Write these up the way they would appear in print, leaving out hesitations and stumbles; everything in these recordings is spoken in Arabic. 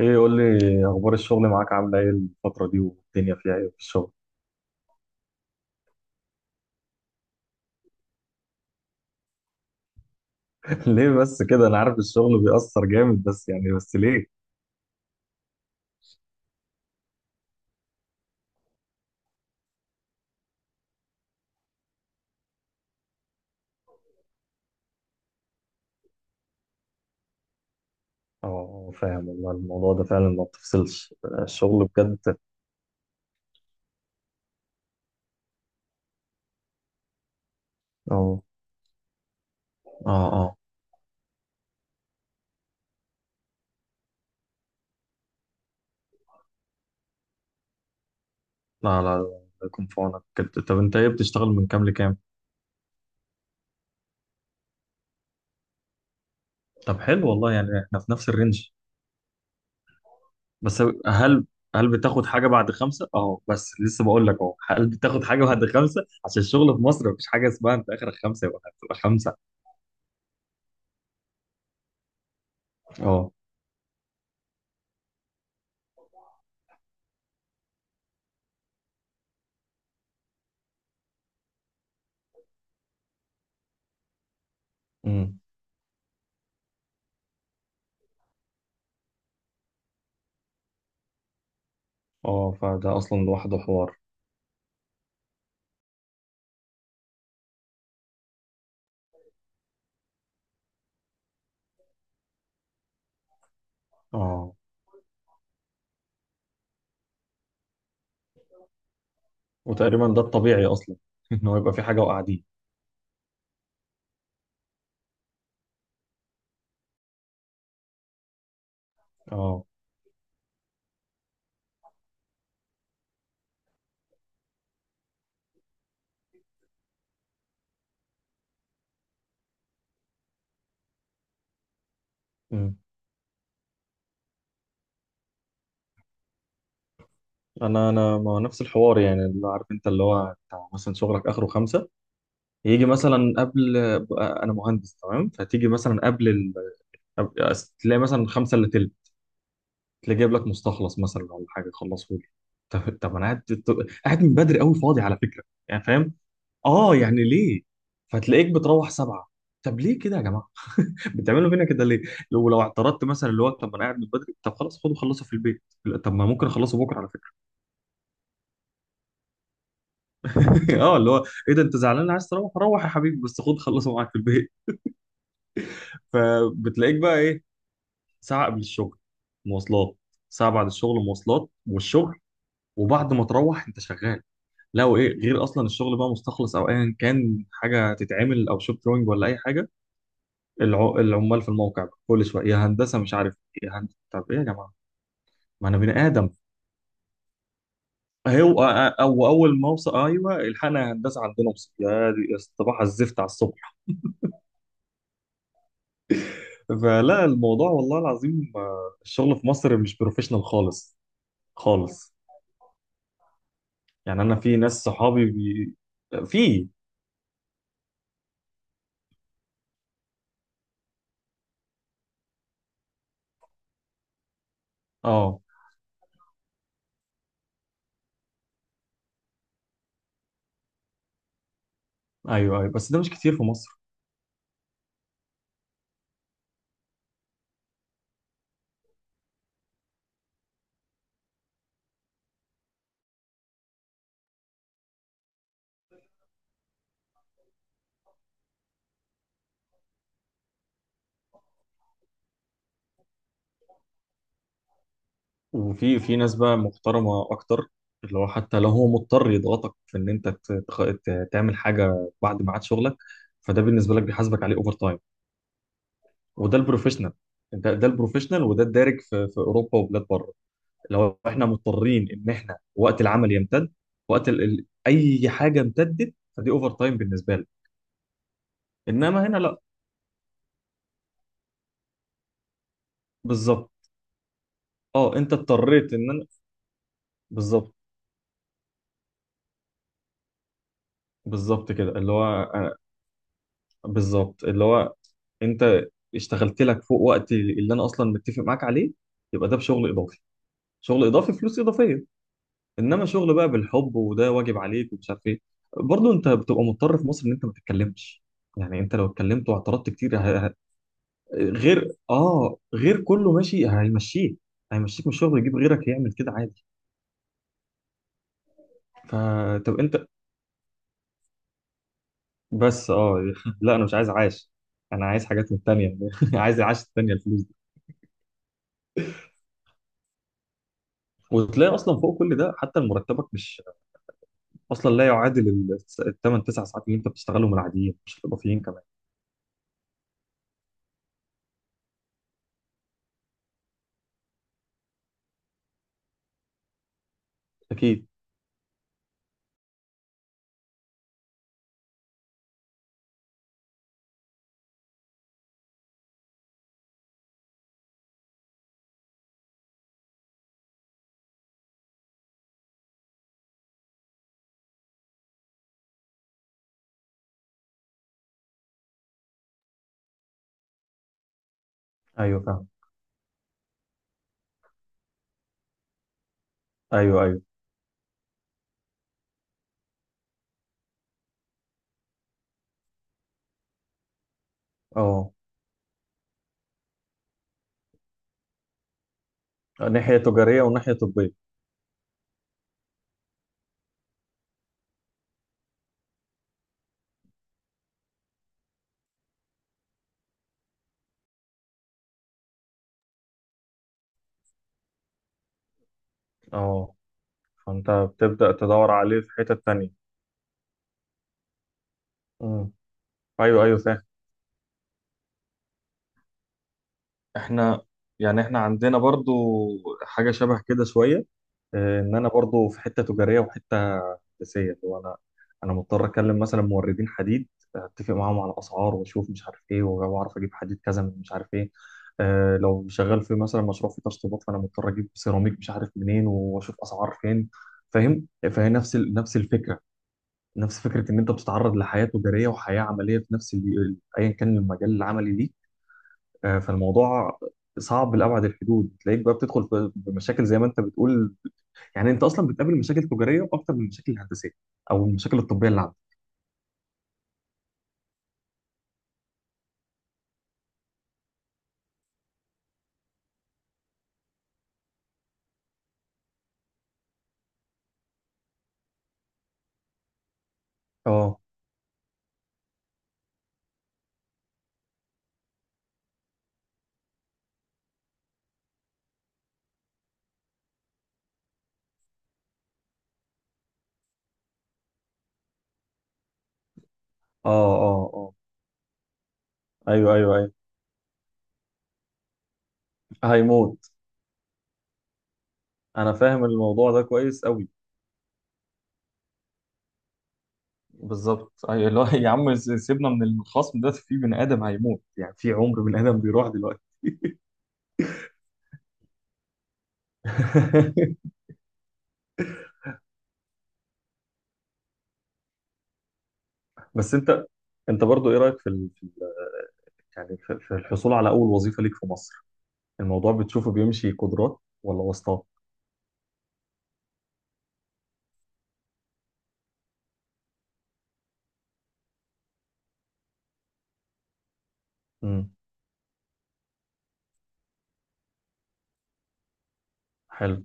ايه، قول لي اخبار الشغل معاك، عامله ايه الفتره دي؟ والدنيا فيها ايه في الشغل؟ ليه بس كده؟ انا عارف الشغل بيأثر جامد، بس ليه؟ اه، فاهم والله. الموضوع ده فعلا ما بتفصلش. الشغل بجد. اه، اه، اه. لا، لا، لا، الله يكون في عونك كده. طب انت ايه بتشتغل؟ من كام لكام؟ طب حلو والله، يعني احنا في نفس الرينج. بس، هل هل بتاخد حاجه بعد خمسه؟ اه، بس لسه بقول لك اهو. هل بتاخد حاجه بعد خمسه؟ عشان الشغل في مصر مفيش حاجه اسمها انت اخرك خمسه يبقى هتبقى خمسه. اه، اه، فده اصلا لوحده حوار. اه، وتقريبا ده الطبيعي اصلا، ان هو يبقى في حاجه وقاعدين. اه، أمم. انا ما هو نفس الحوار، يعني اللي عارف انت اللي هو بتاع مثلا شغلك اخره خمسة، يجي مثلا قبل. انا مهندس تمام، فتيجي مثلا قبل تلاقي مثلا خمسة الا تلت، تلاقي جايب لك مستخلص مثلا ولا حاجه خلصه لي. طب، انا قاعد من بدري قوي، فاضي على فكره، يعني فاهم؟ اه، يعني ليه فتلاقيك بتروح سبعة؟ طب ليه كده يا جماعه؟ بتعملوا فينا كده ليه؟ لو اعترضت مثلا اللي هو: طب ما انا قاعد من بدري، طب خلاص خدوا خلصوا في البيت. لا، طب ما ممكن اخلصه بكره على فكره. اه، اللي هو: ايه ده، انت زعلان؟ عايز تروح روح يا حبيبي، بس خد خلصه معاك في البيت. فبتلاقيك بقى ايه؟ ساعه قبل الشغل مواصلات، ساعه بعد الشغل مواصلات، والشغل. وبعد ما تروح انت شغال. لا، وايه غير؟ اصلا الشغل بقى مستخلص او ايا كان حاجه تتعمل، او شوب دروينج ولا اي حاجه. العمال في الموقع بقى كل شويه: يا هندسه مش عارف إيه، يا هندسه طب ايه يا جماعه؟ ما انا بني ادم. هو او اول ما اوصل: ايوه الحقنا هندسه، عندنا وصل يا دي. صباح الزفت على الصبح. فلا، الموضوع والله العظيم الشغل في مصر مش بروفيشنال خالص، خالص. يعني انا في ناس صحابي بي... في. اه، ايوه، ايوه، بس ده مش كتير في مصر. وفي ناس بقى محترمه اكتر، اللي هو حتى لو هو مضطر يضغطك في ان انت تعمل حاجه بعد ميعاد شغلك، فده بالنسبه لك بيحاسبك عليه اوفر تايم. وده البروفيشنال، ده البروفيشنال، وده الدارج في اوروبا وبلاد بره. لو احنا مضطرين ان احنا وقت العمل يمتد، اي حاجه امتدت فدي اوفر تايم بالنسبه لك. انما هنا لا. بالظبط. اه، انت اضطريت ان انا. بالظبط. بالظبط كده اللي هو بالظبط، اللي هو انت اشتغلت لك فوق وقت اللي انا اصلا متفق معاك عليه. يبقى ده بشغل اضافي، شغل اضافي، فلوس اضافيه. انما شغل بقى بالحب وده واجب عليك ومش عارف ايه. برضه انت بتبقى مضطر في مصر ان انت ما تتكلمش. يعني انت لو اتكلمت واعترضت كتير، غير كله ماشي، هيمشيك من الشغل ويجيب غيرك يعمل كده عادي. فطب انت. بس، اه. لا، انا مش عايز عاش، انا عايز حاجات من التانية. عايز العاش التانية، الفلوس دي. وتلاقي اصلا فوق كل ده حتى مرتبك مش، اصلا لا يعادل الثمان تسع ساعات اللي انت بتشتغلهم العاديين، مش الاضافيين كمان. اكيد. ايوه، فاهم. ايوه، ايوه، اه. ناحية تجارية وناحية طبية. اه، فانت بتبدأ تدور عليه في حتة تانية. امم، ايوه، ايوه، فاهم. احنا احنا عندنا برضو حاجة شبه كده شوية. اه، ان انا برضو في حتة تجارية وحتة هندسية، اللي هو انا مضطر اكلم مثلا موردين حديد، اتفق معاهم على اسعار واشوف مش عارف ايه، واعرف اجيب حديد كذا من مش عارف ايه. اه، لو شغال في مثلا مشروع فيه تشطيبات فانا مضطر اجيب سيراميك مش عارف منين واشوف اسعار فين. فاهم؟ فهي نفس الفكرة، نفس فكرة ان انت بتتعرض لحياة تجارية وحياة عملية في ايا كان المجال العملي ليك. فالموضوع صعب لأبعد الحدود. تلاقيك بقى بتدخل بمشاكل زي ما انت بتقول. يعني انت اصلا بتقابل مشاكل تجاريه اكتر من المشاكل الهندسيه او المشاكل الطبيه اللي عندك. اه، اه، اه، اه. ايوه، ايوه، ايوه، هيموت. انا فاهم الموضوع ده كويس قوي. بالظبط، ايوه، اللي هو يا عم سيبنا من الخصم ده، في بني ادم هيموت، يعني في عمر بني ادم بيروح دلوقتي. بس انت برضو ايه رايك في ال... في ال... يعني في الحصول على اول وظيفه ليك في مصر؟ الموضوع بتشوفه بيمشي قدرات ولا واسطات؟ امم، حلو.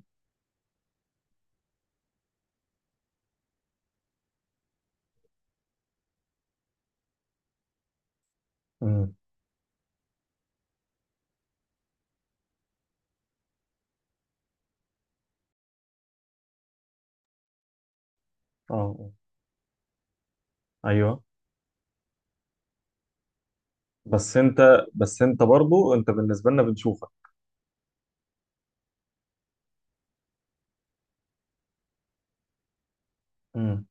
امم، اه، آه. ايوه، بس انت بس انت برضو بالنسبه لنا بنشوفك. امم،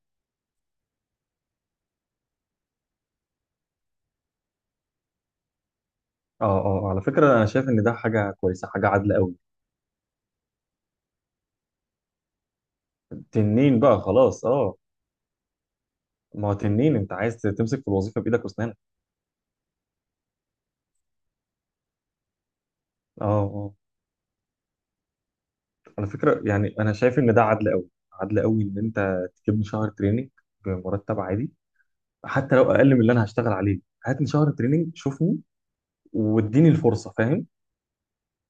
اه، اه، على فكره انا شايف ان ده حاجه كويسه، حاجه عادله قوي. تنين بقى خلاص، اه. ما هو تنين، انت عايز تمسك في الوظيفه بايدك واسنانك. اه، اه، على فكره، يعني انا شايف ان ده عدل قوي، عدل قوي، ان انت تجيبني شهر تريننج بمرتب عادي، حتى لو اقل من اللي انا هشتغل عليه. هاتني شهر تريننج، شوفني، واديني الفرصه، فاهم؟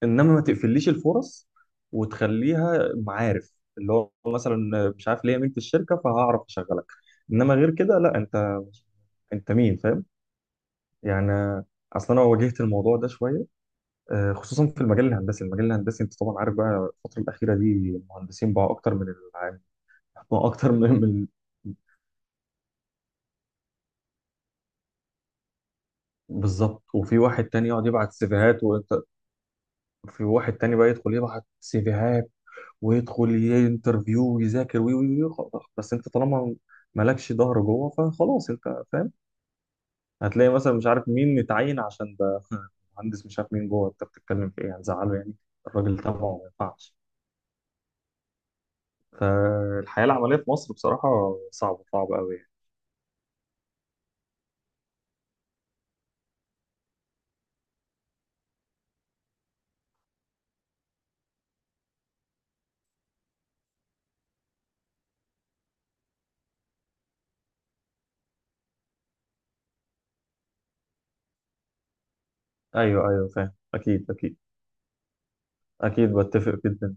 انما ما تقفليش الفرص وتخليها معارف، اللي هو مثلا مش عارف ليا مين في الشركه فهعرف اشغلك. انما غير كده لا، انت مين؟ فاهم يعني؟ اصلا انا واجهت الموضوع ده شويه، خصوصا في المجال الهندسي انت طبعا عارف بقى الفتره الاخيره دي المهندسين بقى اكتر من العام بقى. اكتر من بالظبط. وفي واحد تاني يقعد يبعت سيفيهات، وفي واحد تاني بقى يدخل يبعت سيفيهات ويدخل ينترفيو ويذاكر وي وي وي خلاص. بس انت طالما مالكش ظهر جوه فخلاص انت، فاهم؟ هتلاقي مثلا مش عارف مين متعين عشان ده مهندس مش عارف مين جوه، انت بتتكلم في ايه؟ هتزعله يعني، الراجل تبعه ما ينفعش. فالحياه العمليه في مصر بصراحه صعبه، صعبه قوي يعني. ايوه، ايوه، فاهم. اكيد، اكيد. اكيد بتفق جدا.